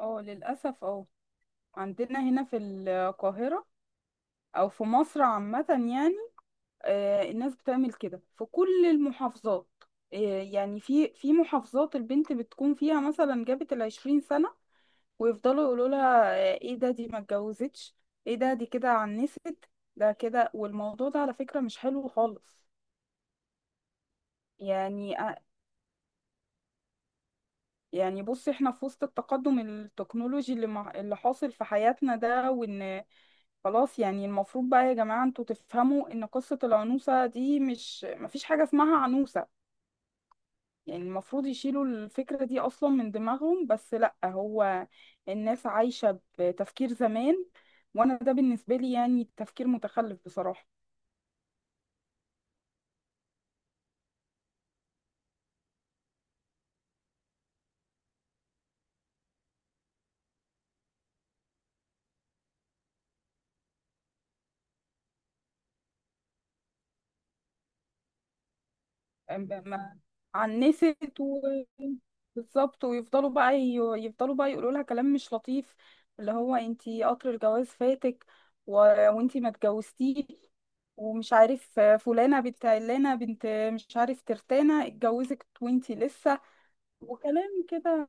اه، للأسف. اه عندنا هنا في القاهرة، أو في مصر عامة، يعني. الناس بتعمل كده في كل المحافظات. يعني في محافظات البنت بتكون فيها مثلا جابت 20 سنة، ويفضلوا يقولوا لها: ايه ده، دي ما اتجوزتش؟ ايه ده، دي كده عنست؟ ده كده. والموضوع ده على فكرة مش حلو خالص. يعني يعني بصي، احنا في وسط التقدم التكنولوجي اللي حاصل في حياتنا ده. وان خلاص، يعني المفروض بقى يا جماعة انتوا تفهموا ان قصة العنوسة دي مش مفيش حاجة اسمها عنوسة. يعني المفروض يشيلوا الفكرة دي اصلا من دماغهم، بس لا، هو الناس عايشة بتفكير زمان، وانا ده بالنسبة لي يعني تفكير متخلف بصراحة. ما- عنست بالظبط. ويفضلوا بقى يفضلوا بقى يقولوا لها كلام مش لطيف، اللي هو انتي قطر الجواز فاتك و... وانتي ما اتجوزتيش، ومش عارف فلانة بنت علانة بنت، مش عارف ترتانة اتجوزت وانتي لسه، وكلام كده.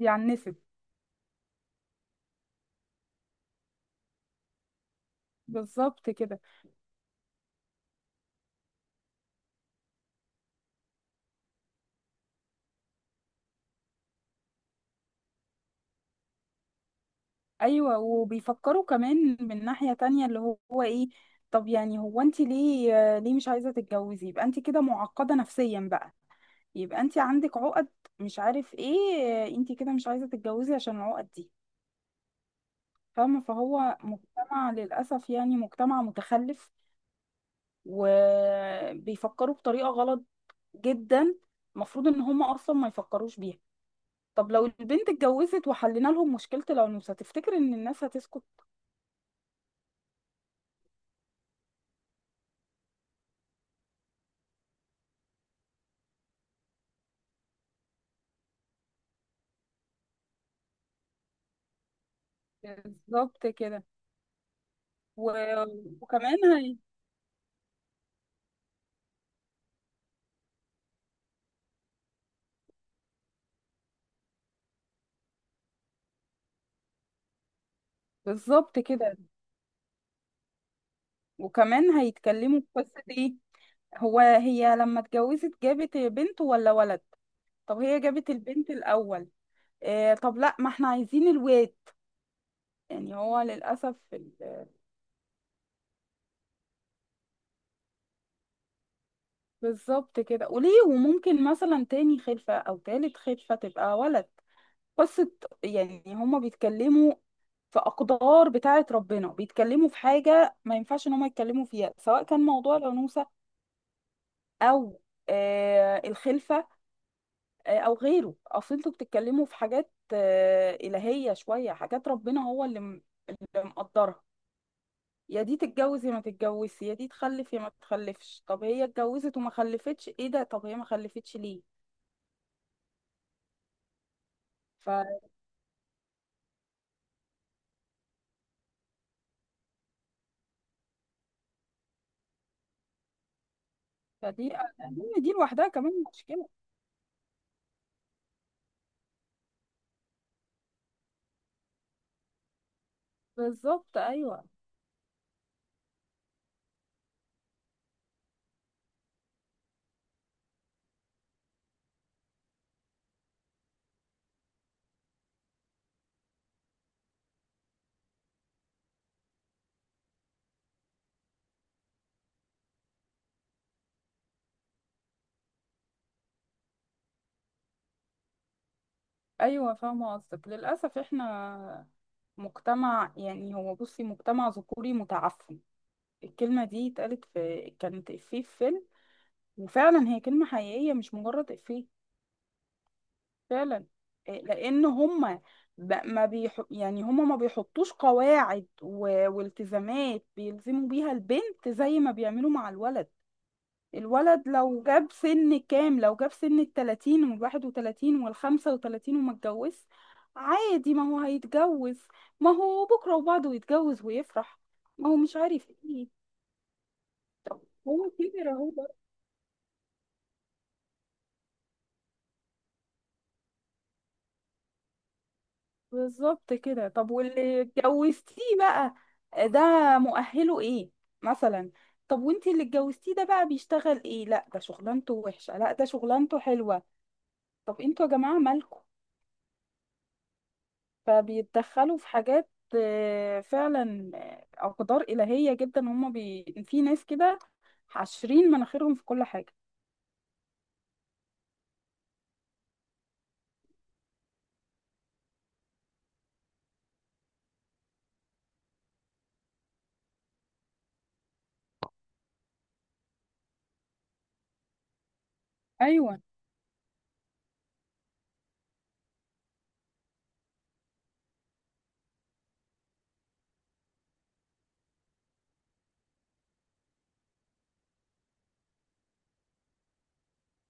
يعنست، بالظبط كده. ايوه، وبيفكروا كمان من ناحية تانية اللي هو ايه؟ طب يعني، هو انتي ليه مش عايزة تتجوزي؟ يبقى انتي كده معقدة نفسيا بقى، يبقى انت عندك عقد، مش عارف ايه، انت كده مش عايزة تتجوزي عشان العقد دي. فاهمة؟ فهو مجتمع للأسف يعني، مجتمع متخلف، وبيفكروا بطريقة غلط جدا. المفروض ان هم اصلا ما يفكروش بيها. طب لو البنت اتجوزت وحلينا لهم مشكلة الأنوثة، تفتكر ان الناس هتسكت؟ بالظبط كده. و... وكمان هي. بالظبط كده، وكمان هيتكلموا في قصة ايه: هو هي لما اتجوزت جابت بنت ولا ولد؟ طب هي جابت البنت الأول. طب لا، ما احنا عايزين الواد. يعني هو للأسف بالظبط كده. وليه؟ وممكن مثلا تاني خلفة أو تالت خلفة تبقى ولد. قصة. يعني هما بيتكلموا في أقدار بتاعة ربنا، بيتكلموا في حاجة ما ينفعش إن هما يتكلموا فيها، سواء كان موضوع الأنوثة أو الخلفة أو غيره. أصل انتوا بتتكلموا في حاجات إلهية، شوية حاجات ربنا هو اللي مقدرها. يا دي تتجوز يا ما تتجوزش، يا دي تخلف يا ما تخلفش. طب هي اتجوزت وما خلفتش، ايه ده؟ طب هي ما خلفتش ليه؟ ف... فدي، لأن دي لوحدها كمان مشكلة. بالظبط ايوه. ايوه، فاهمة قصدك. للأسف احنا مجتمع، يعني هو بصي، مجتمع ذكوري متعفن. الكلمة دي اتقالت كانت إفيه في فيلم، وفعلا هي كلمة حقيقية مش مجرد إفيه. فعلا. إيه، لان هم ب- ما بيح... يعني هم ما بيحطوش قواعد والتزامات بيلزموا بيها البنت زي ما بيعملوا مع الولد. الولد لو جاب سن كام، لو جاب سن 30 و31 و35 وما اتجوز، عادي، ما هو هيتجوز. ما هو بكرة وبعده يتجوز ويفرح، ما هو مش عارف ايه. طب هو كبر اهو. بالظبط كده. طب واللي اتجوزتيه بقى ده مؤهله ايه مثلا؟ طب وانتي اللي اتجوزتيه ده بقى بيشتغل ايه؟ لا ده شغلانته وحشة، لا ده شغلانته حلوة. طب انتوا يا جماعة مالكوا؟ فبيتدخلوا في حاجات. فعلا، أقدار إلهية جدا. هما في ناس كده حاشرين مناخيرهم في كل حاجة. ايوه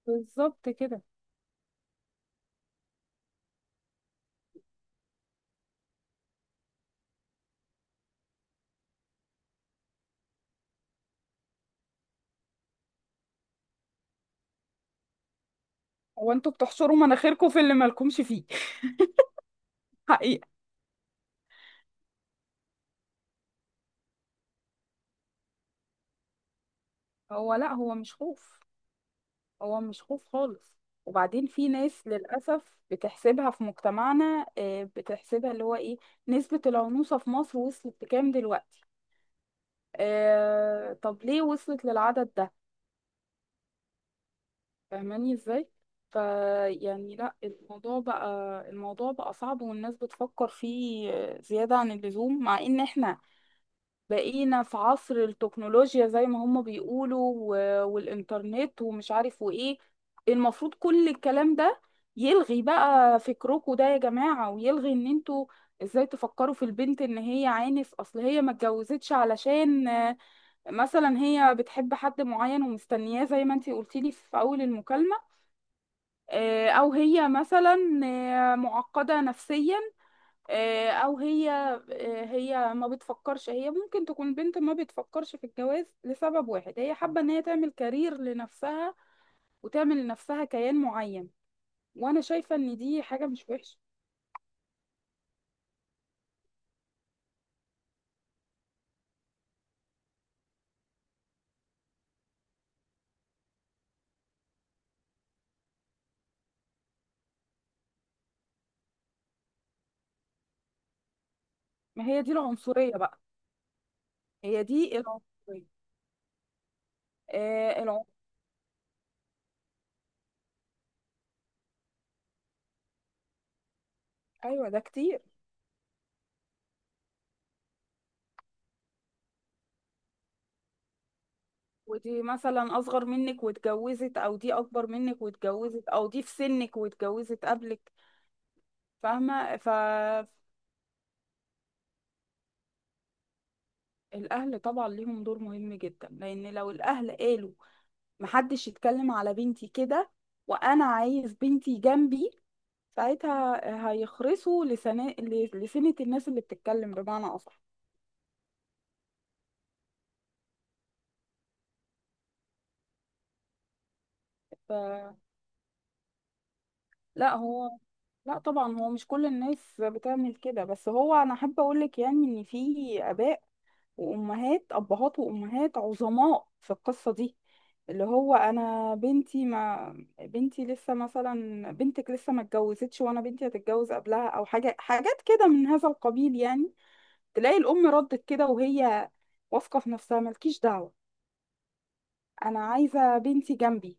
بالظبط كده. هو انتوا بتحشروا مناخيركم في اللي مالكمش فيه. حقيقة. هو لا، هو مش خوف، هو مش خوف خالص. وبعدين في ناس للأسف بتحسبها في مجتمعنا، بتحسبها اللي هو ايه: نسبة العنوسة في مصر وصلت لكام دلوقتي؟ طب ليه وصلت للعدد ده؟ فاهماني ازاي؟ فيعني لا، الموضوع بقى صعب، والناس بتفكر فيه زيادة عن اللزوم. مع ان احنا بقينا في عصر التكنولوجيا زي ما هم بيقولوا، والإنترنت، ومش عارف وإيه. المفروض كل الكلام ده يلغي بقى فكركم ده يا جماعة، ويلغي إن انتوا ازاي تفكروا في البنت ان هي عانس. اصل هي ما اتجوزتش علشان مثلا هي بتحب حد معين ومستنياه زي ما انتي قلتيلي في اول المكالمة، او هي مثلا معقدة نفسيا، آه، او هي آه، هي ما بتفكرش، هي ممكن تكون بنت ما بتفكرش في الجواز لسبب واحد: هي حابة ان هي تعمل كارير لنفسها، وتعمل لنفسها كيان معين. وانا شايفة ان دي حاجة مش وحشة. ما هي دي العنصرية بقى، هي دي العنصرية. آه العنصر. ايوه ده كتير. ودي مثلا اصغر منك واتجوزت، او دي اكبر منك واتجوزت، او دي في سنك واتجوزت قبلك. فاهمة؟ الاهل طبعا ليهم دور مهم جدا، لان لو الاهل قالوا محدش يتكلم على بنتي كده، وانا عايز بنتي جنبي، ساعتها هيخرسوا لسنة الناس اللي بتتكلم، بمعنى اصح. ف... لا هو لا طبعا هو مش كل الناس بتعمل كده، بس هو انا احب اقولك يعني ان في اباء وامهات ابهات وامهات عظماء في القصة دي، اللي هو انا بنتي ما بنتي لسه مثلا بنتك لسه ما اتجوزتش، وانا بنتي هتتجوز قبلها، او حاجات كده من هذا القبيل، يعني تلاقي الأم ردت كده وهي واثقة في نفسها: مالكيش دعوة، أنا عايزة بنتي جنبي.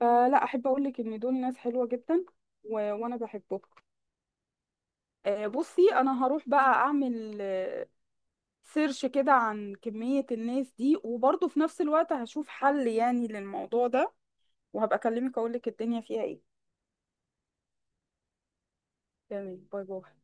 فلا أحب أقولك إن دول ناس حلوة جدا وأنا بحبهم. بصي أنا هروح بقى أعمل سيرش كده عن كمية الناس دي، وبرضه في نفس الوقت هشوف حل يعني للموضوع ده، وهبقى أكلمك أقولك الدنيا فيها إيه. تمام، باي باي.